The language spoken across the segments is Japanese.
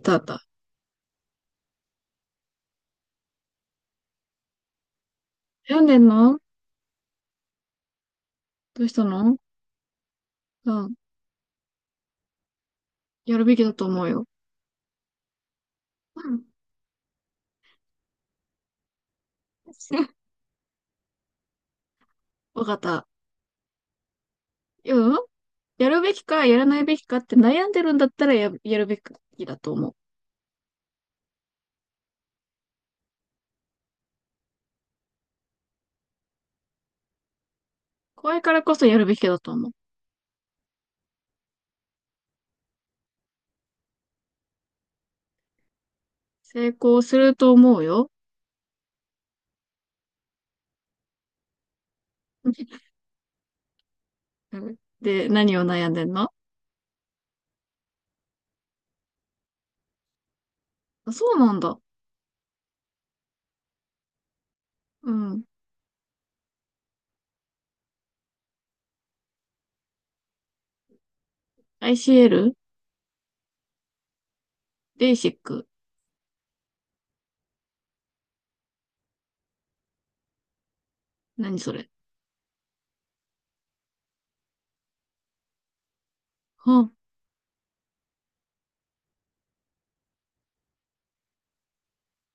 あったあった。病んでんの？どうしたの？うん。やるべきだと思うよ。うん。わかった。うん。やるべきか、やらないべきかって悩んでるんだったらやるべきだと思う。怖いからこそやるべきだと思う。成功すると思うよ。うん。で、何を悩んでんの？あ、そうなんだ。うん。ICL？ ベーシック。何それ？は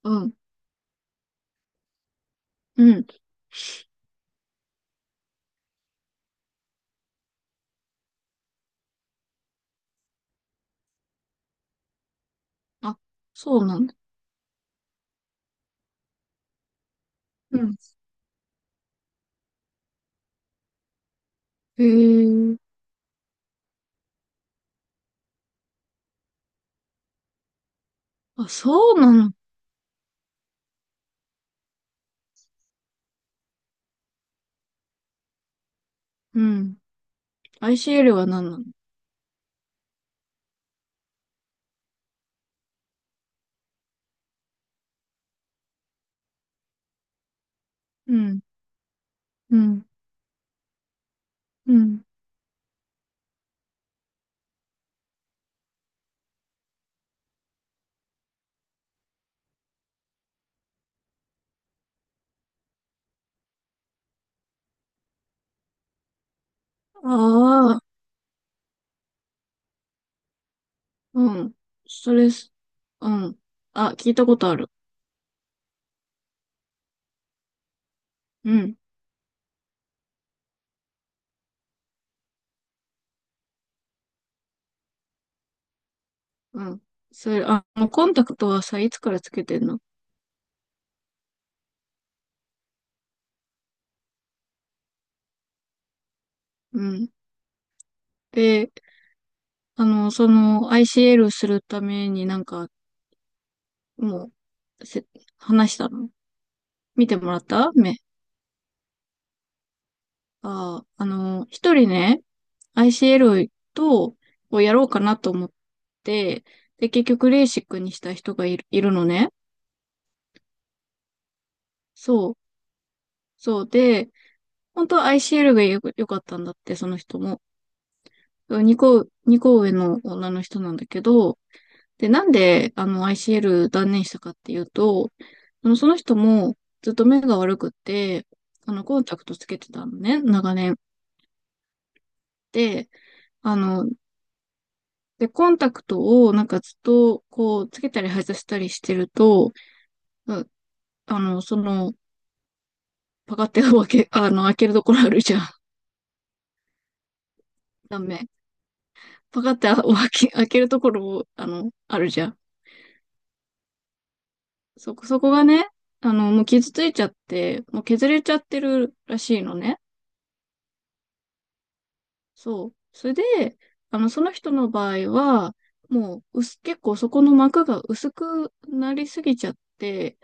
あ、うん。うん。あ、そうなんだ。うん。へえ。あ、そうなの？うん。ICL は何なの？うん、うん、うん。ああ、うん。それす、うん。あ、聞いたことある。うん、うん。それ、コンタクトはさ、いつからつけてんの？うん。で、ICL するためになんか、もう、せ、話したの？見てもらった、目？ああ、一人ね、ICL と、をやろうかなと思って、で、結局、レーシックにした人がいる、いるのね。そう。そうで、本当は ICL が良かったんだって、その人も。2個、二個上の女の人なんだけど、で、なんで、ICL 断念したかっていうと、その人もずっと目が悪くって、コンタクトつけてたのね、長年。で、あの、コンタクトをなんかずっと、こう、つけたり外したりしてると、あの、その、パカって開けるところあるじゃん。ダメ。パカって開けるところ、あるじゃん。そこがね、もう傷ついちゃって、もう削れちゃってるらしいのね。そう。それで、その人の場合は、もう、薄、結構そこの膜が薄くなりすぎちゃって、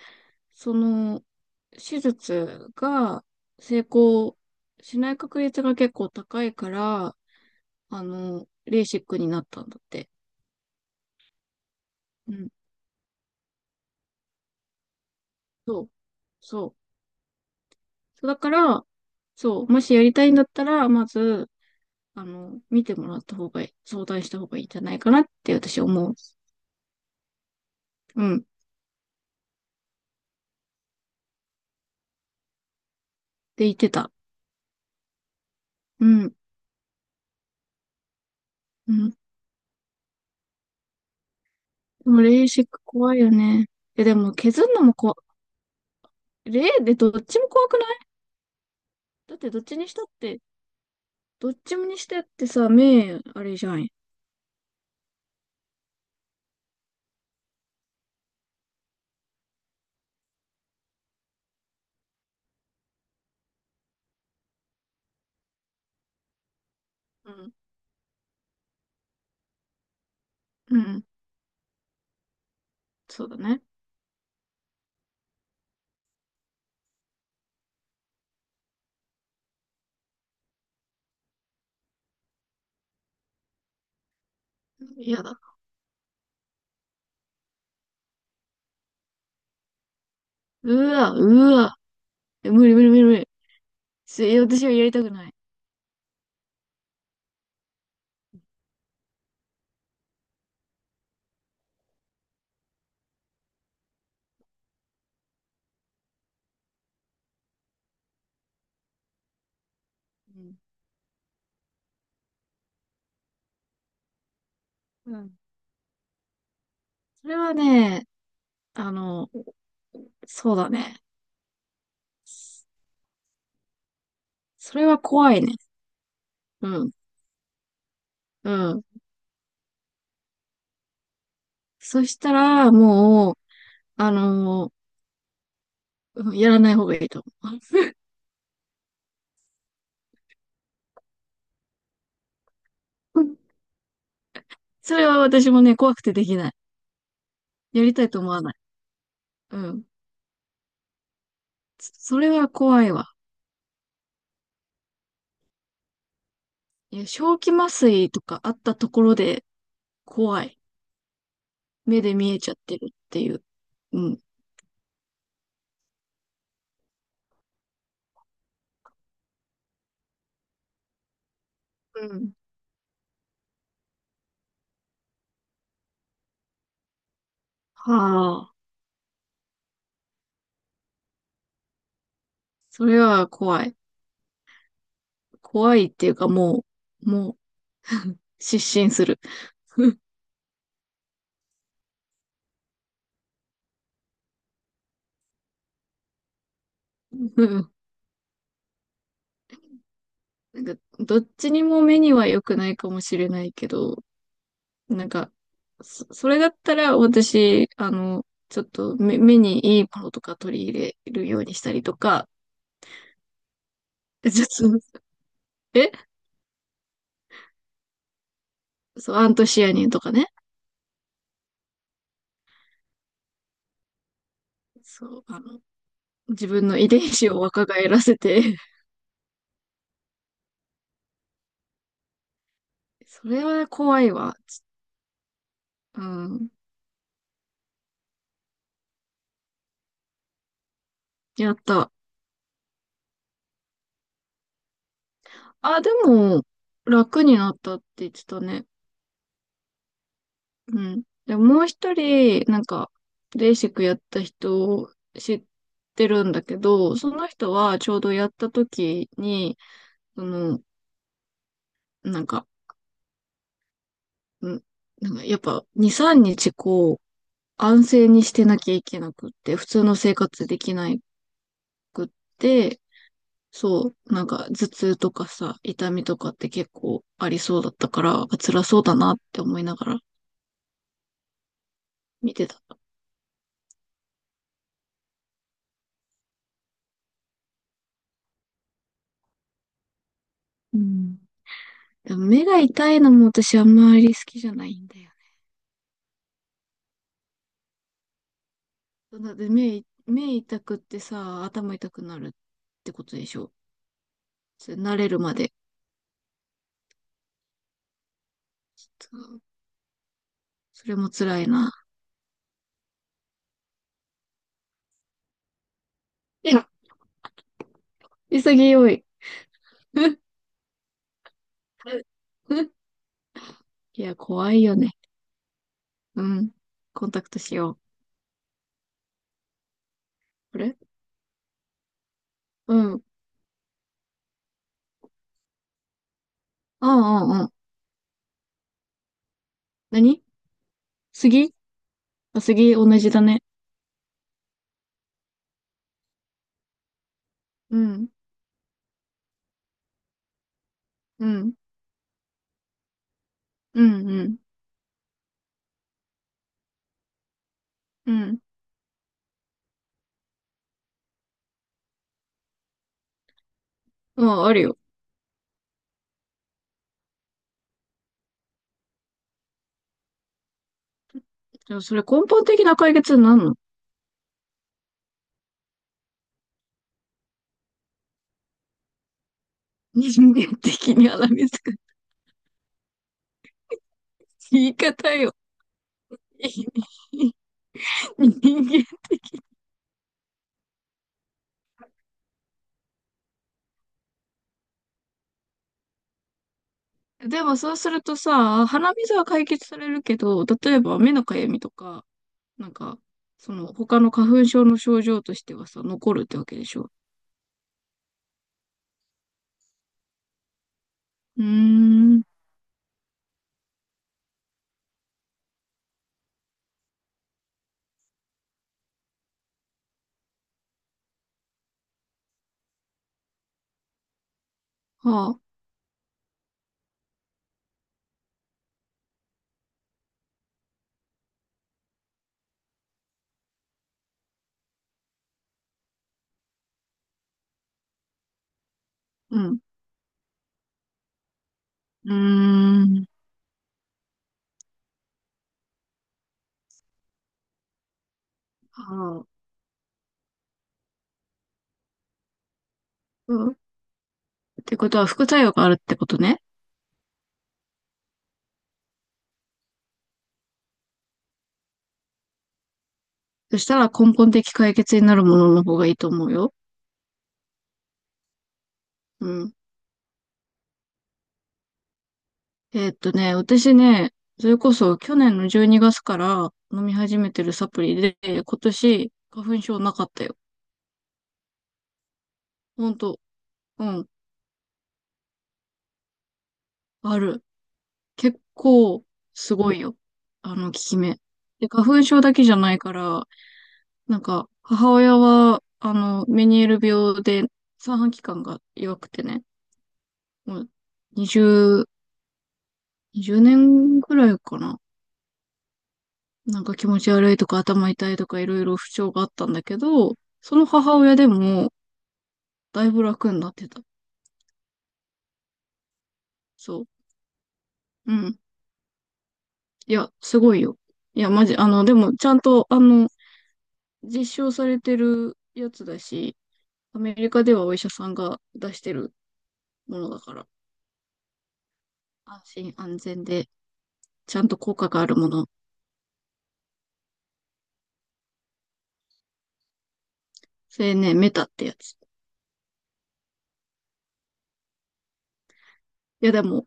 その、手術が成功しない確率が結構高いから、レーシックになったんだって。うん。そう。そう。だから、そう、もしやりたいんだったら、まず、見てもらった方がいい、相談した方がいいんじゃないかなって私思う。うん。って言ってた。うん。うん。でもレーシック怖いよね。え、でも削るのも怖い。レーでどっちも怖くない？だってどっちにしたって、どっちもにしてってさ、目、あれじゃん。うん。うん。そうだね。嫌だ。うわ、うわ。え、無理無理無理無理。私はやりたくない。うん。うん。それはね、あの、そうだね。それは怖いね。うん。うん。そしたら、もう、あのーうん、やらない方がいいと思う。うん、それは私もね、怖くてできない。やりたいと思わない。うん。それは怖いわ。いや、正気麻酔とかあったところで怖い。目で見えちゃってるっていう。うん。うん。はあ。それは怖い。怖いっていうかもう、失神する。うん。なんか、どっちにも目には良くないかもしれないけど、なんか、それだったら私、ちょっと目にいいものとか取り入れるようにしたりとか、ちょっと、えそう、アントシアニンとかね。そう、自分の遺伝子を若返らせて、それは怖いわ。うん、やった。あ、でも、楽になったって言ってたね。うん。でも、もう一人、なんか、レーシックやった人を知ってるんだけど、その人はちょうどやった時に、その、なんか、んなんかやっぱ2、3日こう、安静にしてなきゃいけなくって、普通の生活できなくって、そう、なんか頭痛とかさ、痛みとかって結構ありそうだったから、あ、辛そうだなって思いながら見てた。うん。でも目が痛いのも私あんまり好きじゃないんだよね。そうだって目痛くってさ、頭痛くなるってことでしょ。それ慣れるまで。そう。それも辛いな。いや、潔い。いや、怖いよね。うん。コンタクトしよう。これ。うん。うん。ああああ。何？杉。あ、杉同じだね。うん。うん。うん。うん。うん。うん、あるよ。じゃそれ根本的な解決になんの？人間的にはみつ。言い方よ。人間。でもそうするとさ、鼻水は解決されるけど、例えば目のかゆみとか、なんか、その他の花粉症の症状としてはさ、残るってわけでしょ？うーん。はあ、うん。うーん。はあ、うん。ってことは副作用があるってことね。そしたら根本的解決になるものの方がいいと思うよ。うん。私ね、それこそ去年の12月から飲み始めてるサプリで、今年花粉症なかったよ。ほんと。うん。ある。結構すごいよ。あの効き目。で、花粉症だけじゃないから、なんか、母親は、メニエール病で、三半規管が弱くてね、もう、20、20年ぐらいかな。なんか気持ち悪いとか頭痛いとかいろいろ不調があったんだけど、その母親でも、だいぶ楽になってた。そう。うん。いや、すごいよ。いや、マジ、でも、ちゃんと、実証されてるやつだし、アメリカではお医者さんが出してるものだから、安心安全で、ちゃんと効果があるもの。それね、メタってやつ。いや、でも、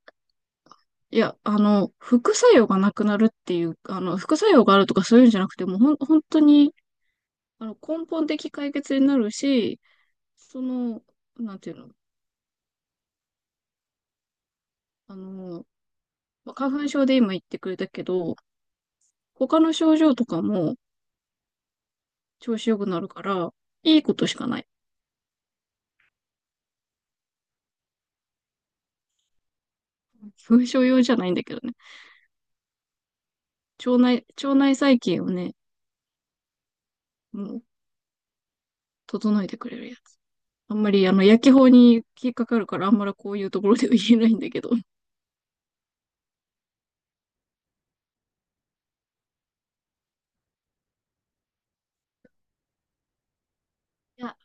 いや、副作用がなくなるっていう、副作用があるとかそういうんじゃなくて、もうほん、本当に、根本的解決になるし、その、なんていうの、あの、まあ花粉症で今言ってくれたけど、他の症状とかも調子良くなるから、いいことしかない。花粉症用じゃないんだけどね。腸内細菌をね、もう、整えてくれるやつ。あんまり、薬機法に引っかかるから、あんまりこういうところでは言えないんだけど。いや、